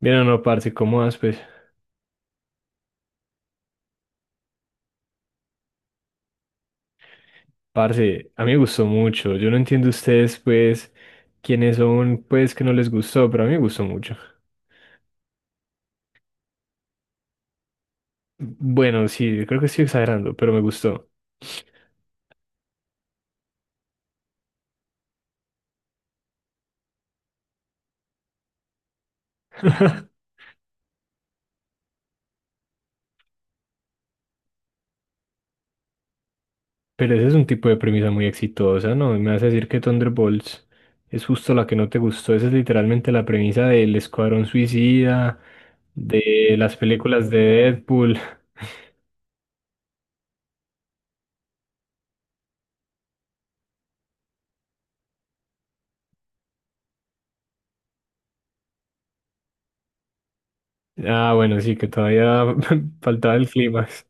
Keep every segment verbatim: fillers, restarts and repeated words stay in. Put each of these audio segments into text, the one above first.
Mira, no, parce, ¿cómo vas, pues? Parce, a mí me gustó mucho. Yo no entiendo ustedes, pues, quiénes son, pues, que no les gustó, pero a mí me gustó mucho. Bueno, sí, creo que estoy exagerando, pero me gustó. Pero ese es un tipo de premisa muy exitosa, ¿no? Me vas a decir que Thunderbolts es justo la que no te gustó. Esa es literalmente la premisa del Escuadrón Suicida, de las películas de Deadpool. Ah, bueno, sí, que todavía faltaba el clímax.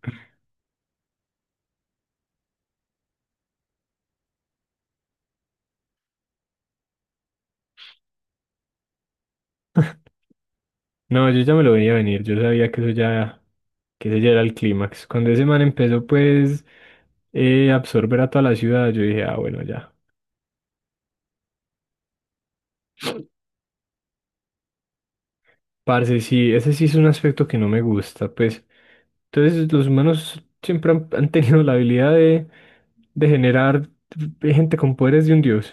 No, yo ya me lo venía a venir. Yo sabía que eso ya, que ese ya era el clímax. Cuando ese man empezó pues eh, a absorber a toda la ciudad, yo dije, ah, bueno, ya. Parce, sí, ese sí es un aspecto que no me gusta, pues. Entonces los humanos siempre han, han tenido la habilidad de, de generar gente con poderes de un dios,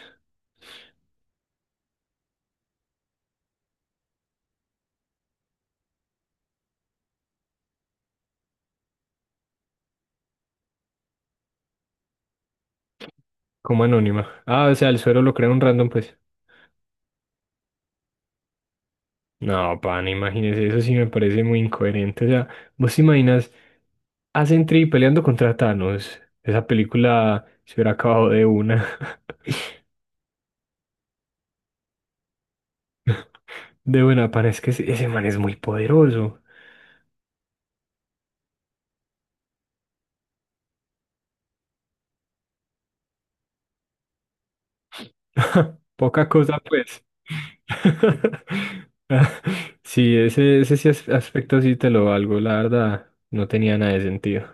como anónima. Ah, o sea, el suero lo crea un random, pues. No, pana, imagínese, eso sí me parece muy incoherente. O sea, vos te imaginas a Sentry peleando contra Thanos. Esa película se hubiera acabado de una. De buena, parece que ese ese man es muy poderoso. Poca cosa, pues. Sí, ese, ese sí as- aspecto sí te lo valgo, la verdad. No tenía nada de sentido.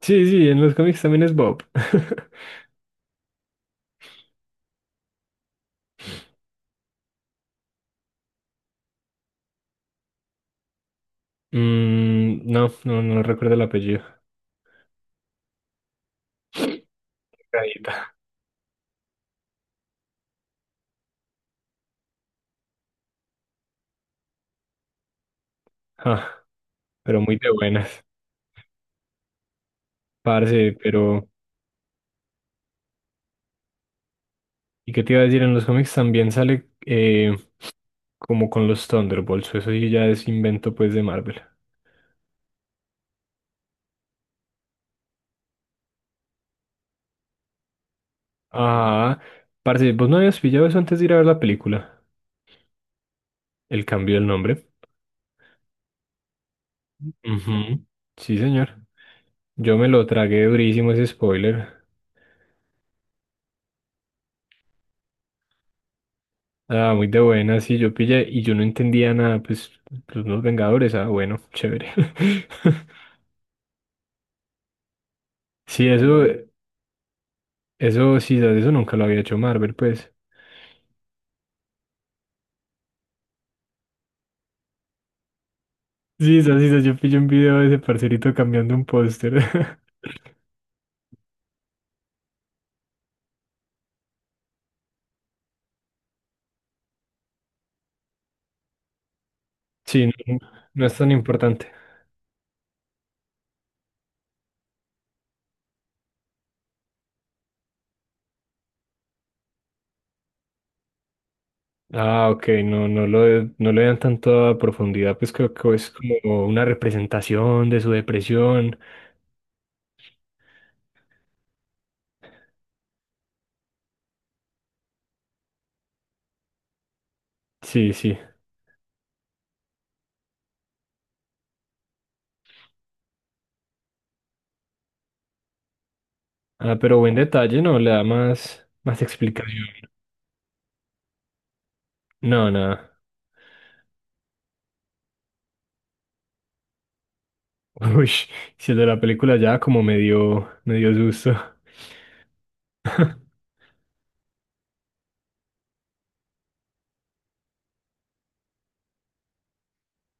Sí, sí, en los cómics también es Bob. Mm, no, no, no recuerdo el apellido. Caída. Ah, pero muy de buenas. Parce, pero. ¿Y qué te iba a decir? En los cómics también sale eh, como con los Thunderbolts. Eso sí ya es invento pues de Marvel. Ah, parce, ¿vos no habías pillado eso antes de ir a ver la película? El cambio del nombre. Ujú. Sí, señor. Yo me lo tragué durísimo ese spoiler. Ah, muy de buena, sí, yo pillé y yo no entendía nada, pues, los nuevos Vengadores, ah, bueno, chévere. Sí, eso, eso, sí, sas, eso nunca lo había hecho Marvel, pues. Sí, sí, sí, yo pillé un video de ese parcerito cambiando un póster. Sí, no, no es tan importante. Ah, ok, no, no lo, no le dan tanta profundidad, pues creo que es como una representación de su depresión. Sí, sí. Ah, pero buen detalle, ¿no? Le da más, más explicación. No, nada. Uy, si el de la película ya como me dio, me dio susto.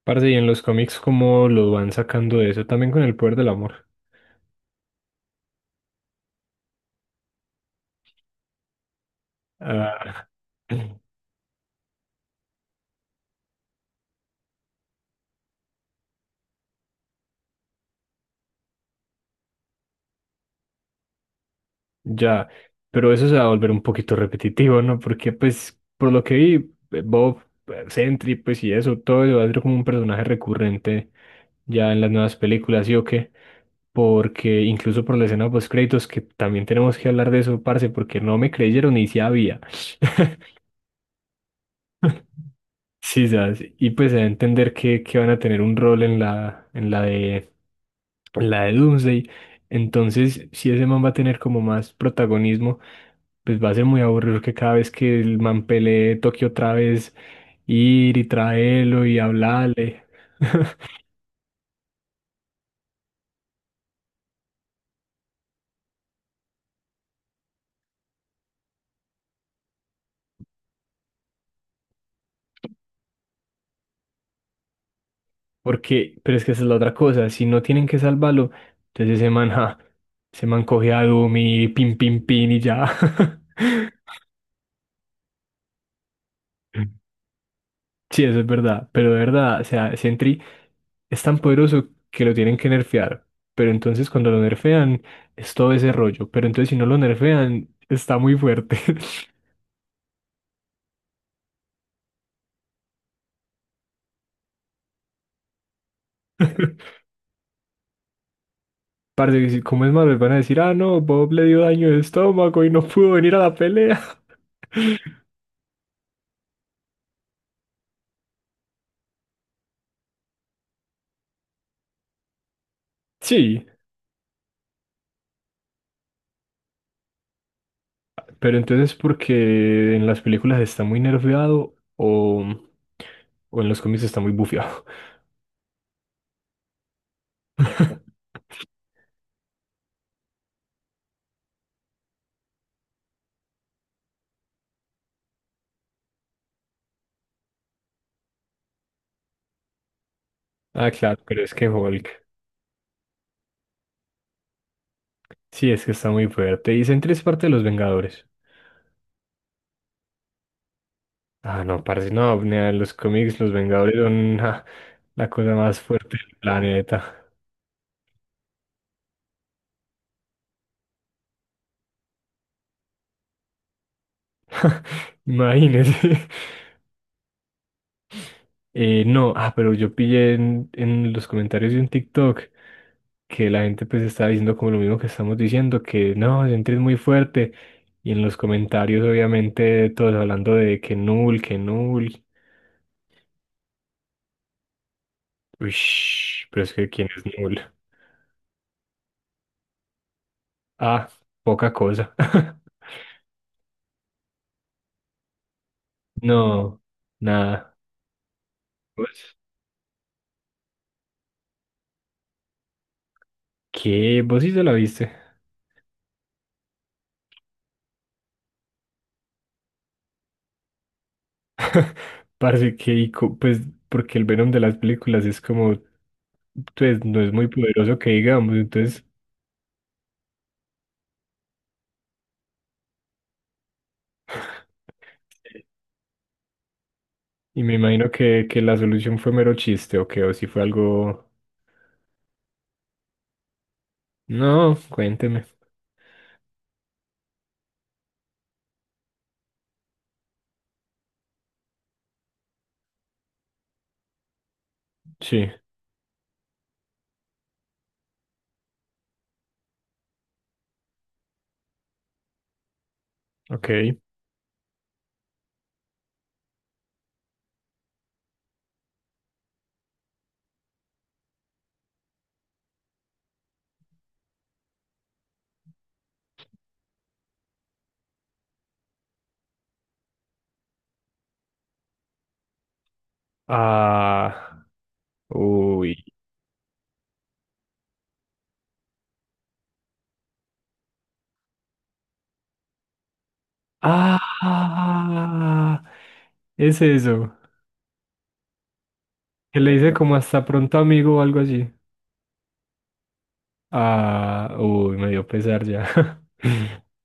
Parce, y en los cómics, ¿cómo lo van sacando de eso? También con el poder del amor. Ah, ya, pero eso se va a volver un poquito repetitivo, ¿no? Porque pues, por lo que vi, eh, Bob, eh, Sentry, pues y eso, todo eso va a ser como un personaje recurrente ya en las nuevas películas, ¿sí o qué? Porque incluso por la escena de post-créditos, que también tenemos que hablar de eso, parce, porque no me creyeron y sí había. Sí, ¿sabes? Y pues a entender que, que van a tener un rol en la, en la de, en la de Doomsday. Entonces, si ese man va a tener como más protagonismo pues va a ser muy aburrido que cada vez que el man pelee toque otra vez ir y traerlo y hablarle. Porque, pero es que esa es la otra cosa, si no tienen que salvarlo, entonces ese man, ja, ese man coge a Doom y pin, pin, pin y ya. Sí, eso es verdad, pero de verdad, o sea, Sentry es tan poderoso que lo tienen que nerfear, pero entonces cuando lo nerfean es todo ese rollo, pero entonces si no lo nerfean está muy fuerte. Parce, que si- como es Marvel, van a decir, ah, no, Bob le dio daño de estómago y no pudo venir a la pelea. Sí, pero entonces porque en las películas está muy nerfeado o, o en los cómics está muy bufeado. Ah, claro, pero es que Hulk. Sí, es que está muy fuerte. Y Sentry es parte de los Vengadores. Ah, no, parce, no, nea, los cómics, los Vengadores son ah, la cosa más fuerte del planeta. Imagínese. Eh, no, ah, pero yo pillé en, en los comentarios de un TikTok que la gente pues estaba diciendo como lo mismo que estamos diciendo, que no, Sentry es muy fuerte. Y en los comentarios obviamente todos hablando de que Null, que Null. Uish, pero es que ¿quién es Null? Ah, poca cosa. No, nada. ¿Vos? ¿Qué? ¿Vos sí se la viste? Parece que, ico- pues, porque el Venom de las películas es como, pues, no es muy poderoso que digamos, entonces... Y me imagino que, que la solución fue mero chiste, o que, o si fue algo... No, cuénteme. Sí, ok. Ah, uy. Ah, es eso. Que le dice como hasta pronto, amigo, o algo así. Ah, uy, me dio pesar ya.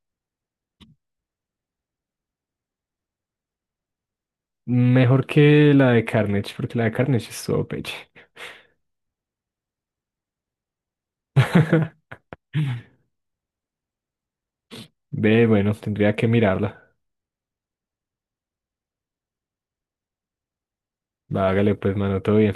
Mejor que la de Carnage, porque la de Carnage es todo peche. Ve, bueno, tendría que mirarla. Va, hágale pues, mano, todo bien.